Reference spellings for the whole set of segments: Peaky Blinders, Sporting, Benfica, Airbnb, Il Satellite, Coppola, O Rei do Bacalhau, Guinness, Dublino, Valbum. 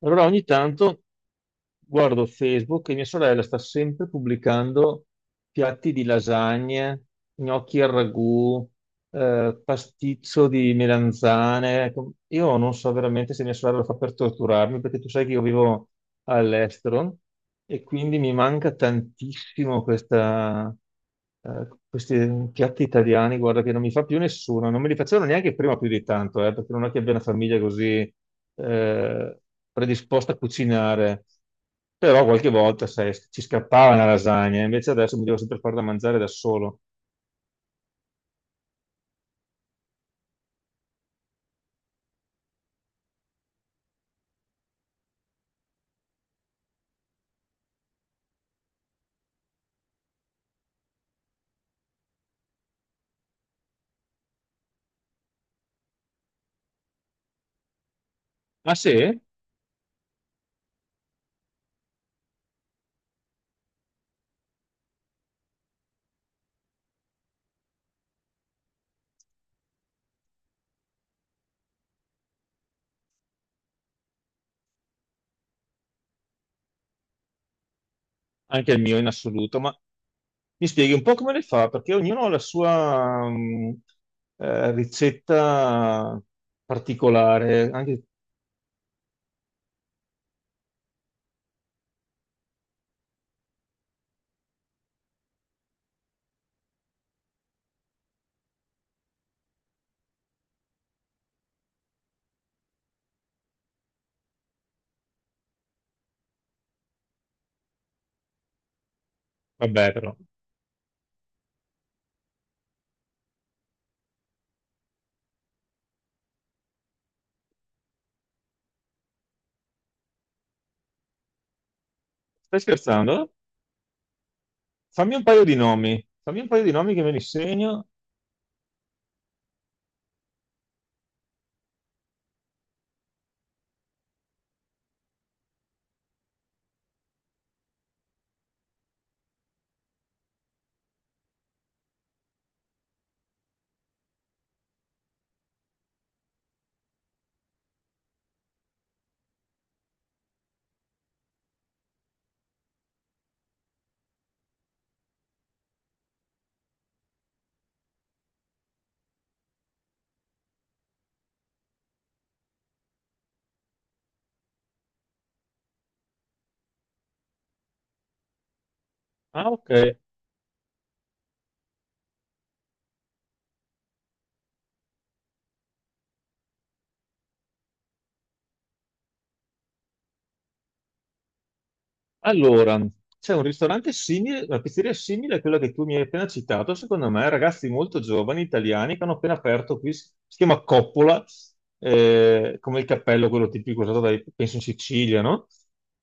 Allora ogni tanto guardo Facebook e mia sorella sta sempre pubblicando piatti di lasagne, gnocchi al ragù, pasticcio di melanzane. Ecco, io non so veramente se mia sorella lo fa per torturarmi, perché tu sai che io vivo all'estero e quindi mi manca tantissimo questi piatti italiani, guarda che non mi fa più nessuno, non me li facevano neanche prima più di tanto, perché non è che abbia una famiglia così eh, predisposta a cucinare, però qualche volta sai, ci scappava una lasagna, invece adesso mi devo sempre fare da mangiare da solo. Ah, sì? Anche il mio in assoluto, ma mi spieghi un po' come le fa, perché ognuno ha la sua ricetta particolare, anche vabbè, però. Stai scherzando? Fammi un paio di nomi. Fammi un paio di nomi che me li segno. Ah, ok. Allora, c'è un ristorante simile, una pizzeria simile a quella che tu mi hai appena citato, secondo me, ragazzi molto giovani, italiani, che hanno appena aperto qui, si chiama Coppola, come il cappello, quello tipico usato dai, penso in Sicilia, no?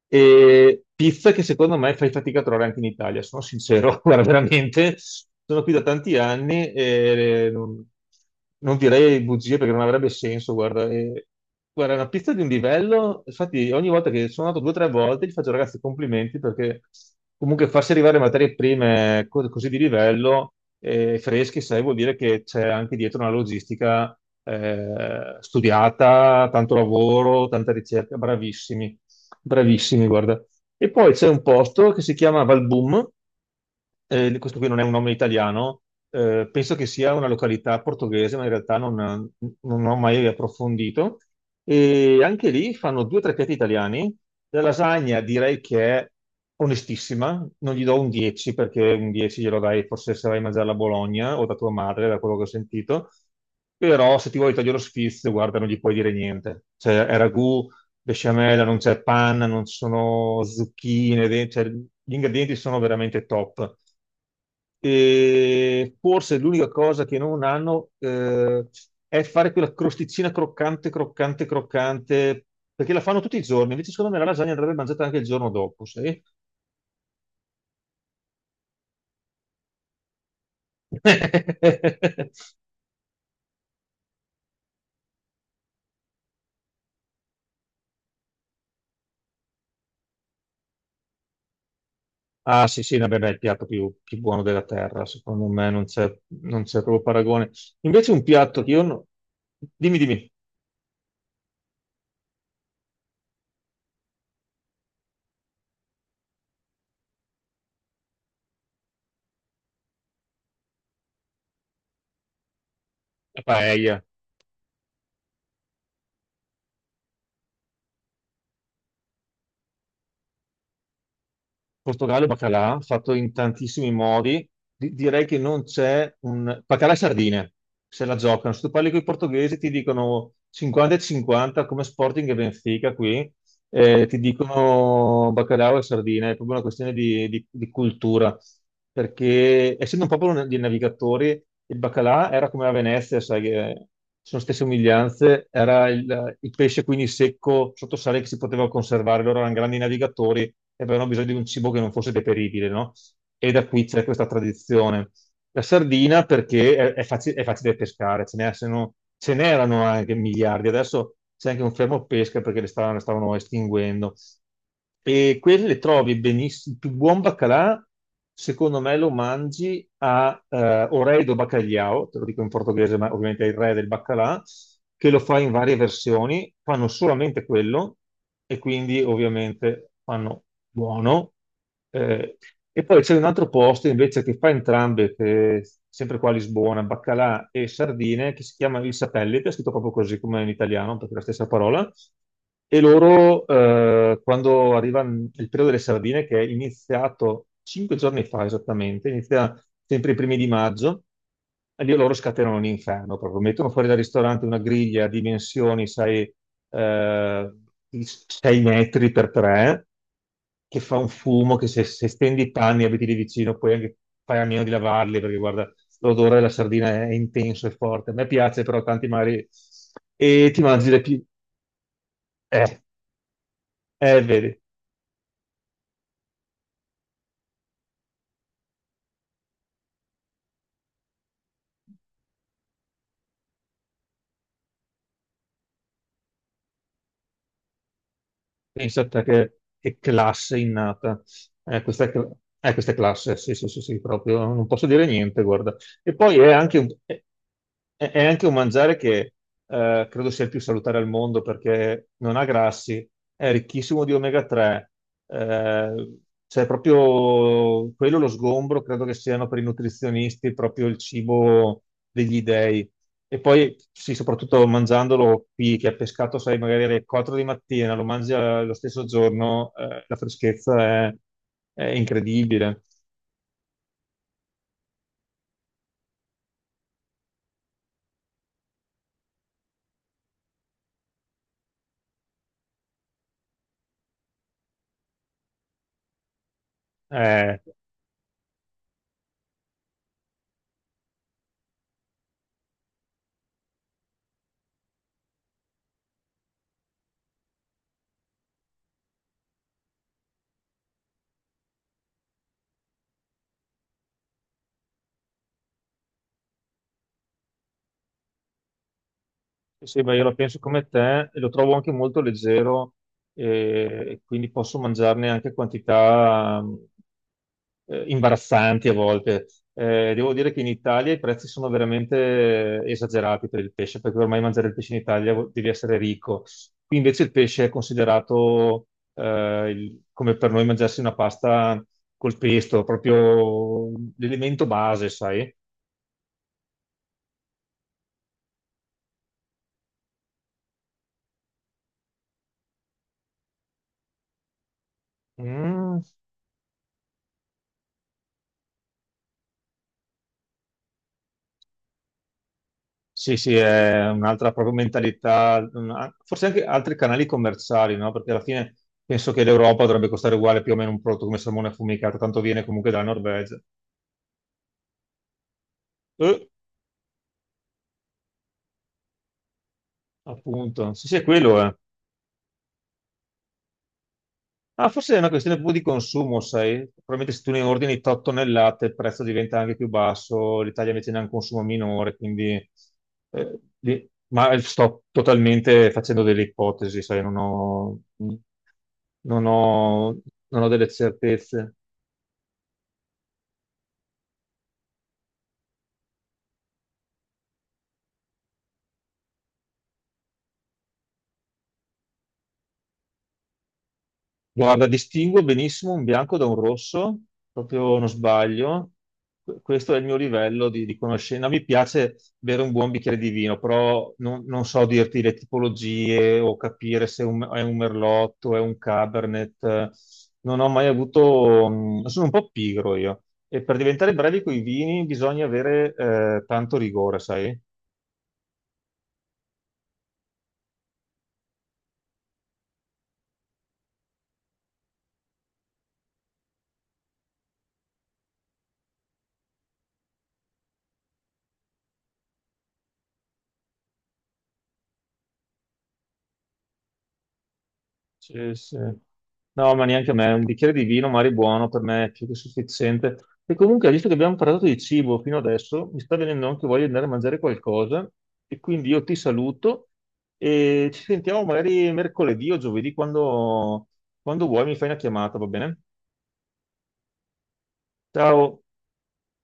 E pizza che secondo me fai fatica a trovare anche in Italia, sono sincero, guarda, veramente, sono qui da tanti anni e non direi bugie perché non avrebbe senso, guarda. Guarda, è una pizza di un livello, infatti ogni volta che sono andato due o tre volte gli faccio ragazzi complimenti perché comunque farsi arrivare materie prime così di livello, fresche, sai, vuol dire che c'è anche dietro una logistica studiata, tanto lavoro, tanta ricerca, bravissimi, bravissimi, guarda. E poi c'è un posto che si chiama Valbum, questo qui non è un nome italiano, penso che sia una località portoghese, ma in realtà non ho mai approfondito. E anche lì fanno due o tre piatti italiani. La lasagna direi che è onestissima, non gli do un 10 perché un 10 glielo dai forse se vai a mangiarla a Bologna o da tua madre, da quello che ho sentito. Però se ti vuoi tagliare lo sfizio, guarda, non gli puoi dire niente. Cioè, è ragù, besciamella, non c'è panna, non ci sono zucchine, cioè, gli ingredienti sono veramente top. E forse l'unica cosa che non hanno è fare quella crosticina croccante, croccante, croccante, perché la fanno tutti i giorni, invece secondo me la lasagna andrebbe mangiata anche il giorno dopo, sai? Ah, sì, sì, vabbè, beh, è il piatto più buono della terra, secondo me non c'è proprio paragone. Invece un piatto che io... Dimmi, dimmi, la paella. Portogallo e baccalà, fatto in tantissimi modi. Direi che non c'è un... Baccalà e sardine, se la giocano. Se tu parli con i portoghesi ti dicono 50 e 50 come Sporting e Benfica qui, ti dicono baccalà e sardine, è proprio una questione di cultura, perché essendo un popolo di navigatori, il baccalà era come a Venezia, sai, che sono stesse somiglianze, era il pesce quindi secco sotto sale che si poteva conservare, loro erano grandi navigatori e avevano bisogno di un cibo che non fosse deperibile, no? E da qui c'è questa tradizione. La sardina perché è facile pescare, ce n'è- se no- ce n'erano anche miliardi, adesso c'è anche un fermo pesca perché le stavano estinguendo e quelle trovi benissimo. Il più buon baccalà, secondo me, lo mangi a o rei do Bacalhau, te lo dico in portoghese, ma ovviamente è il re del baccalà, che lo fa in varie versioni. Fanno solamente quello e quindi, ovviamente, fanno buono. Eh, e poi c'è un altro posto invece che fa entrambe, che è sempre qua a Lisbona, baccalà e sardine, che si chiama Il Satellite, è scritto proprio così come in italiano, perché è la stessa parola. E loro, quando arriva il periodo delle sardine, che è iniziato 5 giorni fa esattamente, inizia sempre i primi di maggio, e lì loro scatenano l'inferno, proprio mettono fuori dal ristorante una griglia a dimensioni, sai, eh, 6 metri per 3, che fa un fumo che se, stendi i panni e abiti lì vicino puoi anche fare a meno di lavarli perché guarda l'odore della sardina è intenso e forte. A me piace però tanti mari e ti mangi le più... Eh, vedi. Pensa a te che classe innata. Eh, questa, è cl- questa è classe, sì, sì, sì, sì, proprio. Non posso dire niente, guarda. E poi è anche un mangiare che credo sia il più salutare al mondo perché non ha grassi, è ricchissimo di omega 3. Eh, cioè, proprio quello lo sgombro, credo che siano per i nutrizionisti proprio il cibo degli dèi. E poi, sì, soprattutto mangiandolo qui, che è pescato, sai, magari alle 4 di mattina, lo mangi lo stesso giorno, la freschezza è, è incredibile. Eh, Sì, sì, beh, io la penso come te e lo trovo anche molto leggero e quindi posso mangiarne anche quantità imbarazzanti a volte. Devo dire che in Italia i prezzi sono veramente esagerati per il pesce, perché ormai mangiare il pesce in Italia devi essere ricco. Qui invece il pesce è considerato come per noi mangiarsi una pasta col pesto, proprio l'elemento base, sai? Mm. Sì, sì, è un'altra proprio mentalità, forse anche altri canali commerciali, no? Perché alla fine penso che l'Europa dovrebbe costare uguale più o meno un prodotto come salmone affumicato, tanto viene comunque dalla Norvegia. Eh, appunto, sì, sì, è quello, eh. Ah, forse è una questione proprio di consumo, sai? Probabilmente se tu ne ordini 8 tonnellate il prezzo diventa anche più basso, l'Italia invece ne ha un consumo minore, quindi... eh, di- Ma sto totalmente facendo delle ipotesi, sai? Non ho, non ho delle certezze. Guarda, distingo benissimo un bianco da un rosso, proprio non sbaglio. Questo è il mio livello di conoscenza. Mi piace bere un buon bicchiere di vino, però non so dirti le tipologie o capire se è un merlotto, è un cabernet. Non ho mai avuto... Sono un po' pigro io. E per diventare brevi con i vini bisogna avere tanto rigore, sai? Sì, sì. No, ma neanche a me, un bicchiere di vino, magari buono, per me è più che sufficiente. E comunque, visto che abbiamo parlato di cibo fino adesso, mi sta venendo anche voglia di andare a mangiare qualcosa e quindi io ti saluto e ci sentiamo magari mercoledì o giovedì quando vuoi, mi fai una chiamata, va bene? Ciao!